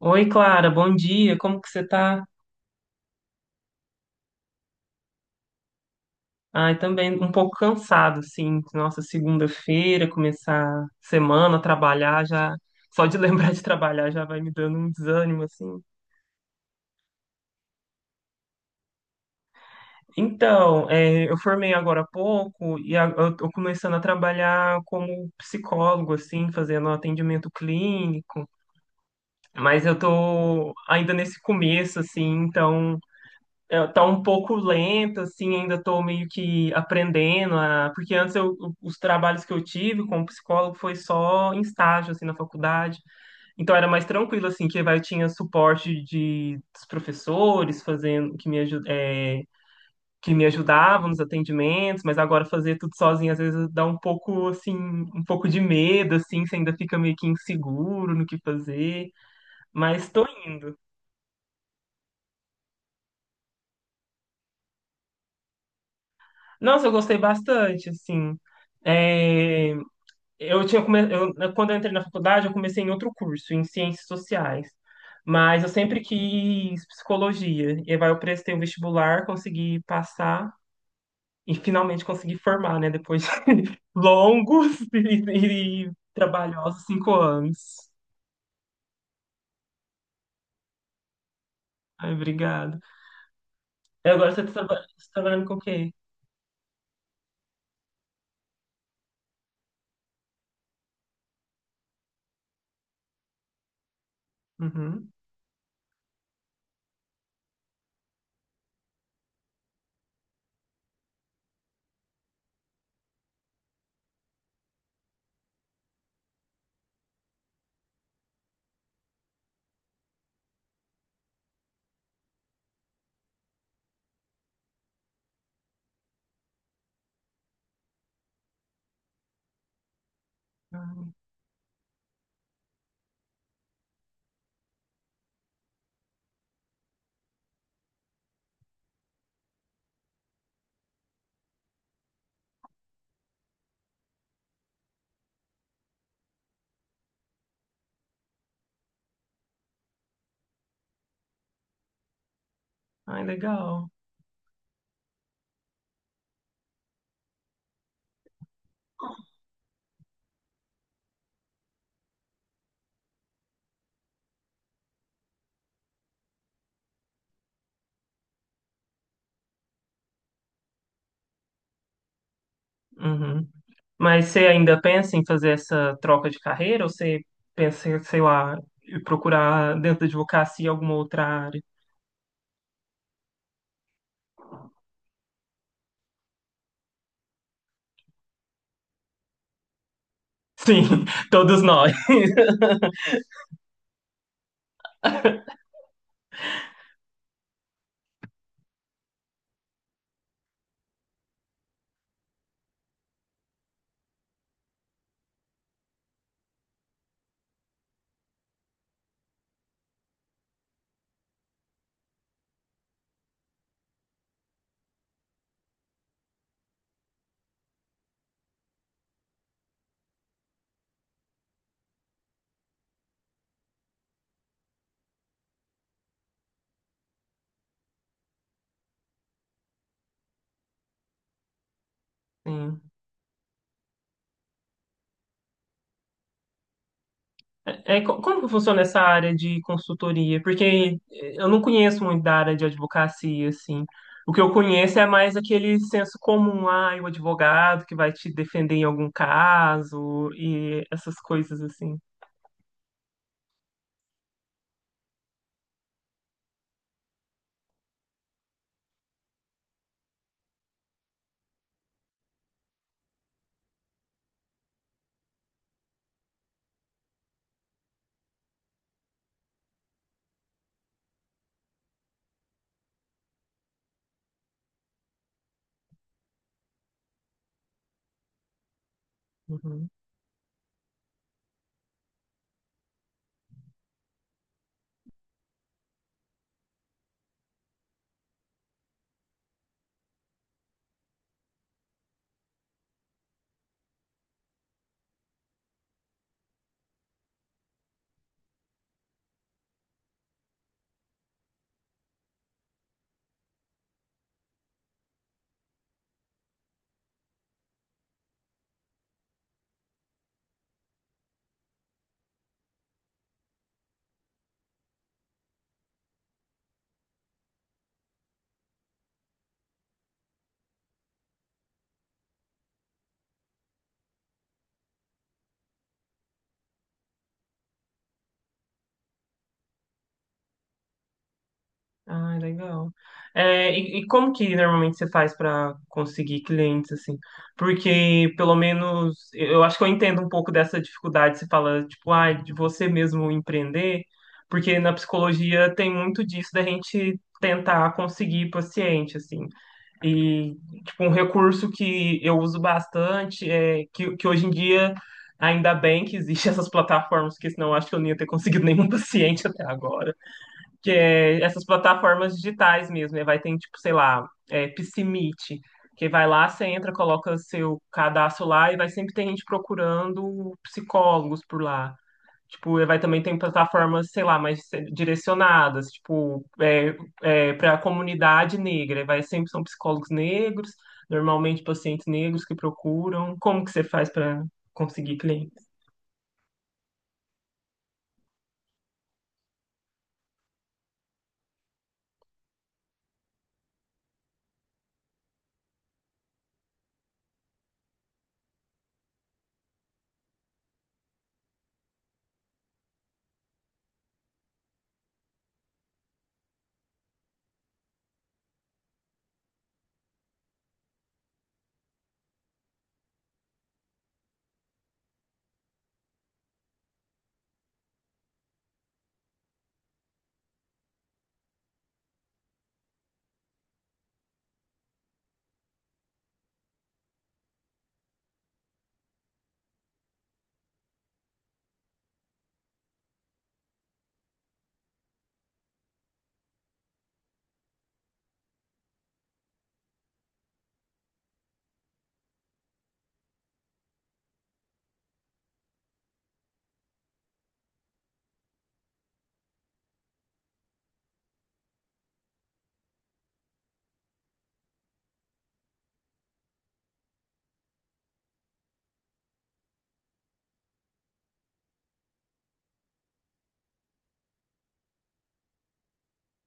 Oi, Clara, bom dia. Como que você tá? Ai, também um pouco cansado, sim. Nossa, segunda-feira, começar semana, trabalhar já. Só de lembrar de trabalhar já vai me dando um desânimo, assim. Então, é, eu formei agora há pouco eu tô começando a trabalhar como psicólogo, assim, fazendo atendimento clínico. Mas eu tô ainda nesse começo, assim, então. É, tá um pouco lenta, assim, ainda tô meio que aprendendo a... Porque antes eu, os trabalhos que eu tive como psicólogo foi só em estágio, assim, na faculdade. Então era mais tranquilo, assim, que vai, tinha suporte de, dos professores fazendo, que me ajudavam nos atendimentos, mas agora fazer tudo sozinho às vezes dá um pouco, assim, um pouco de medo, assim, você ainda fica meio que inseguro no que fazer, mas tô indo. Nossa, eu gostei bastante, assim. É, eu, quando eu entrei na faculdade, eu comecei em outro curso, em ciências sociais. Mas eu sempre quis psicologia. E aí eu prestei o vestibular, consegui passar e finalmente consegui formar, né? Depois de longos e trabalhosos 5 anos. Ai, obrigado. E agora você está trabalhando com o quê? Uhum. Ai, ai, legal. Uhum. Mas você ainda pensa em fazer essa troca de carreira ou você pensa, em, sei lá, em procurar dentro da advocacia alguma outra área? Sim, todos nós. Sim. Como que funciona essa área de consultoria? Porque eu não conheço muito da área de advocacia, assim. O que eu conheço é mais aquele senso comum, ah, o advogado que vai te defender em algum caso e essas coisas assim. Uhum. Ah, legal. É, e como que normalmente você faz para conseguir clientes assim? Porque pelo menos eu acho que eu entendo um pouco dessa dificuldade. Você fala tipo, ah, de você mesmo empreender, porque na psicologia tem muito disso da gente tentar conseguir paciente assim. E tipo um recurso que eu uso bastante é que hoje em dia ainda bem que existem essas plataformas, porque senão eu acho que eu não ia ter conseguido nenhum paciente até agora que é essas plataformas digitais mesmo, né? Vai ter, tipo, sei lá, é, Psimeet, que vai lá, você entra, coloca seu cadastro lá e vai sempre ter gente procurando psicólogos por lá. Tipo, e vai também ter plataformas, sei lá, mais direcionadas, tipo, para a comunidade negra. E vai sempre são psicólogos negros, normalmente pacientes negros que procuram. Como que você faz para conseguir clientes?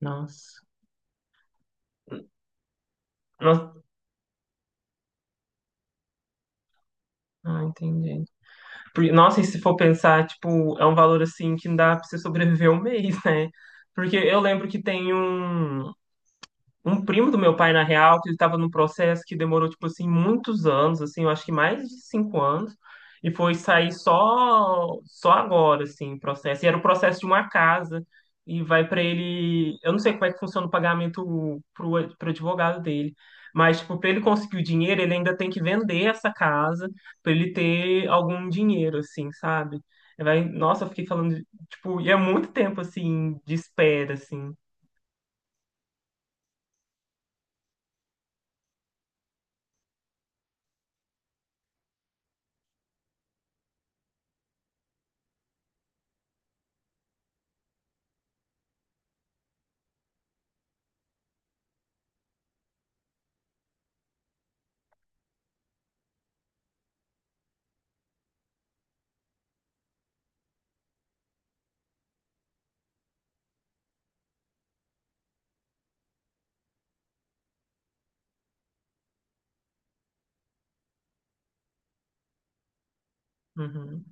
Nossa. Nossa, ah, entendi. Porque, nossa, e se for pensar, tipo, é um valor assim que não dá pra você sobreviver um mês, né? Porque eu lembro que tem um primo do meu pai, na real, que ele estava num processo que demorou, tipo assim, muitos anos, assim, eu acho que mais de 5 anos, e foi sair só agora, assim, o processo. E era o processo de uma casa, e vai para ele. Eu não sei como é que funciona o pagamento pro advogado dele. Mas, tipo, para ele conseguir o dinheiro, ele ainda tem que vender essa casa para ele ter algum dinheiro, assim, sabe? Vai, nossa, eu fiquei falando, tipo, e é muito tempo, assim, de espera, assim. Uhum.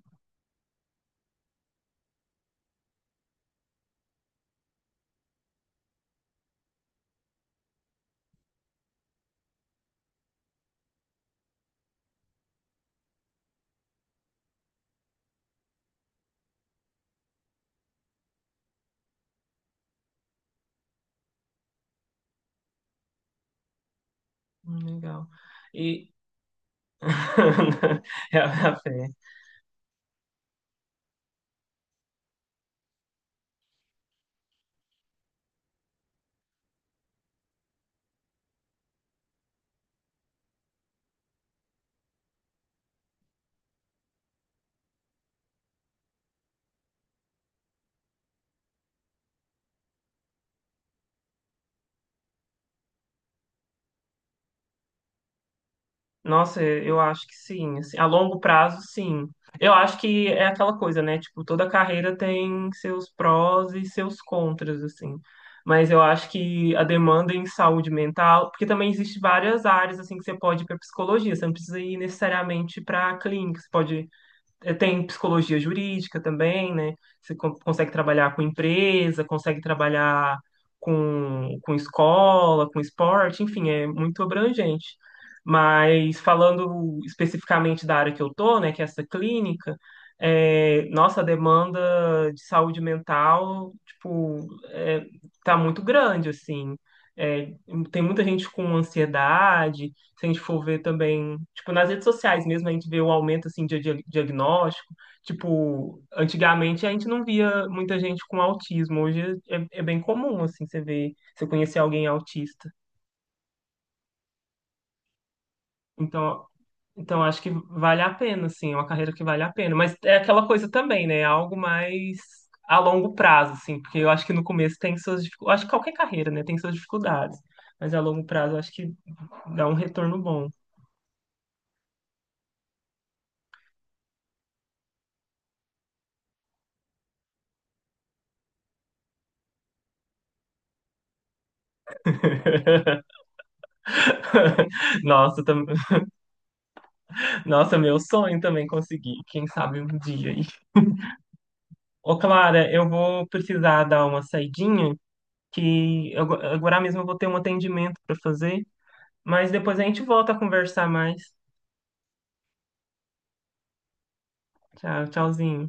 Legal. E é a fé. Nossa, eu acho que sim. Assim, a longo prazo, sim. Eu acho que é aquela coisa, né? Tipo, toda carreira tem seus prós e seus contras, assim. Mas eu acho que a demanda em saúde mental, porque também existe várias áreas assim que você pode ir para psicologia. Você não precisa ir necessariamente para clínica. Você pode... É, tem psicologia jurídica também, né? Você consegue trabalhar com empresa, consegue trabalhar com escola, com esporte, enfim, é muito abrangente. Mas falando especificamente da área que eu tô, né, que é essa clínica, é, nossa, a demanda de saúde mental, tipo, é, tá muito grande, assim. É, tem muita gente com ansiedade, se a gente for ver também, tipo, nas redes sociais mesmo, a gente vê um aumento, assim, diagnóstico. Tipo, antigamente a gente não via muita gente com autismo. Hoje é bem comum, assim, você ver, você conhecer alguém autista. Então, então acho que vale a pena, assim, é uma carreira que vale a pena. Mas é aquela coisa também, né? É algo mais a longo prazo, assim, porque eu acho que no começo tem suas dificuldades. Acho que qualquer carreira, né, tem suas dificuldades. Mas a longo prazo eu acho que dá um retorno bom. Nossa, eu também. Nossa, meu sonho também conseguir. Quem sabe um dia. Aí. Ô, Clara, eu vou precisar dar uma saidinha, agora mesmo eu vou ter um atendimento para fazer, mas depois a gente volta a conversar mais. Tchau, tchauzinho.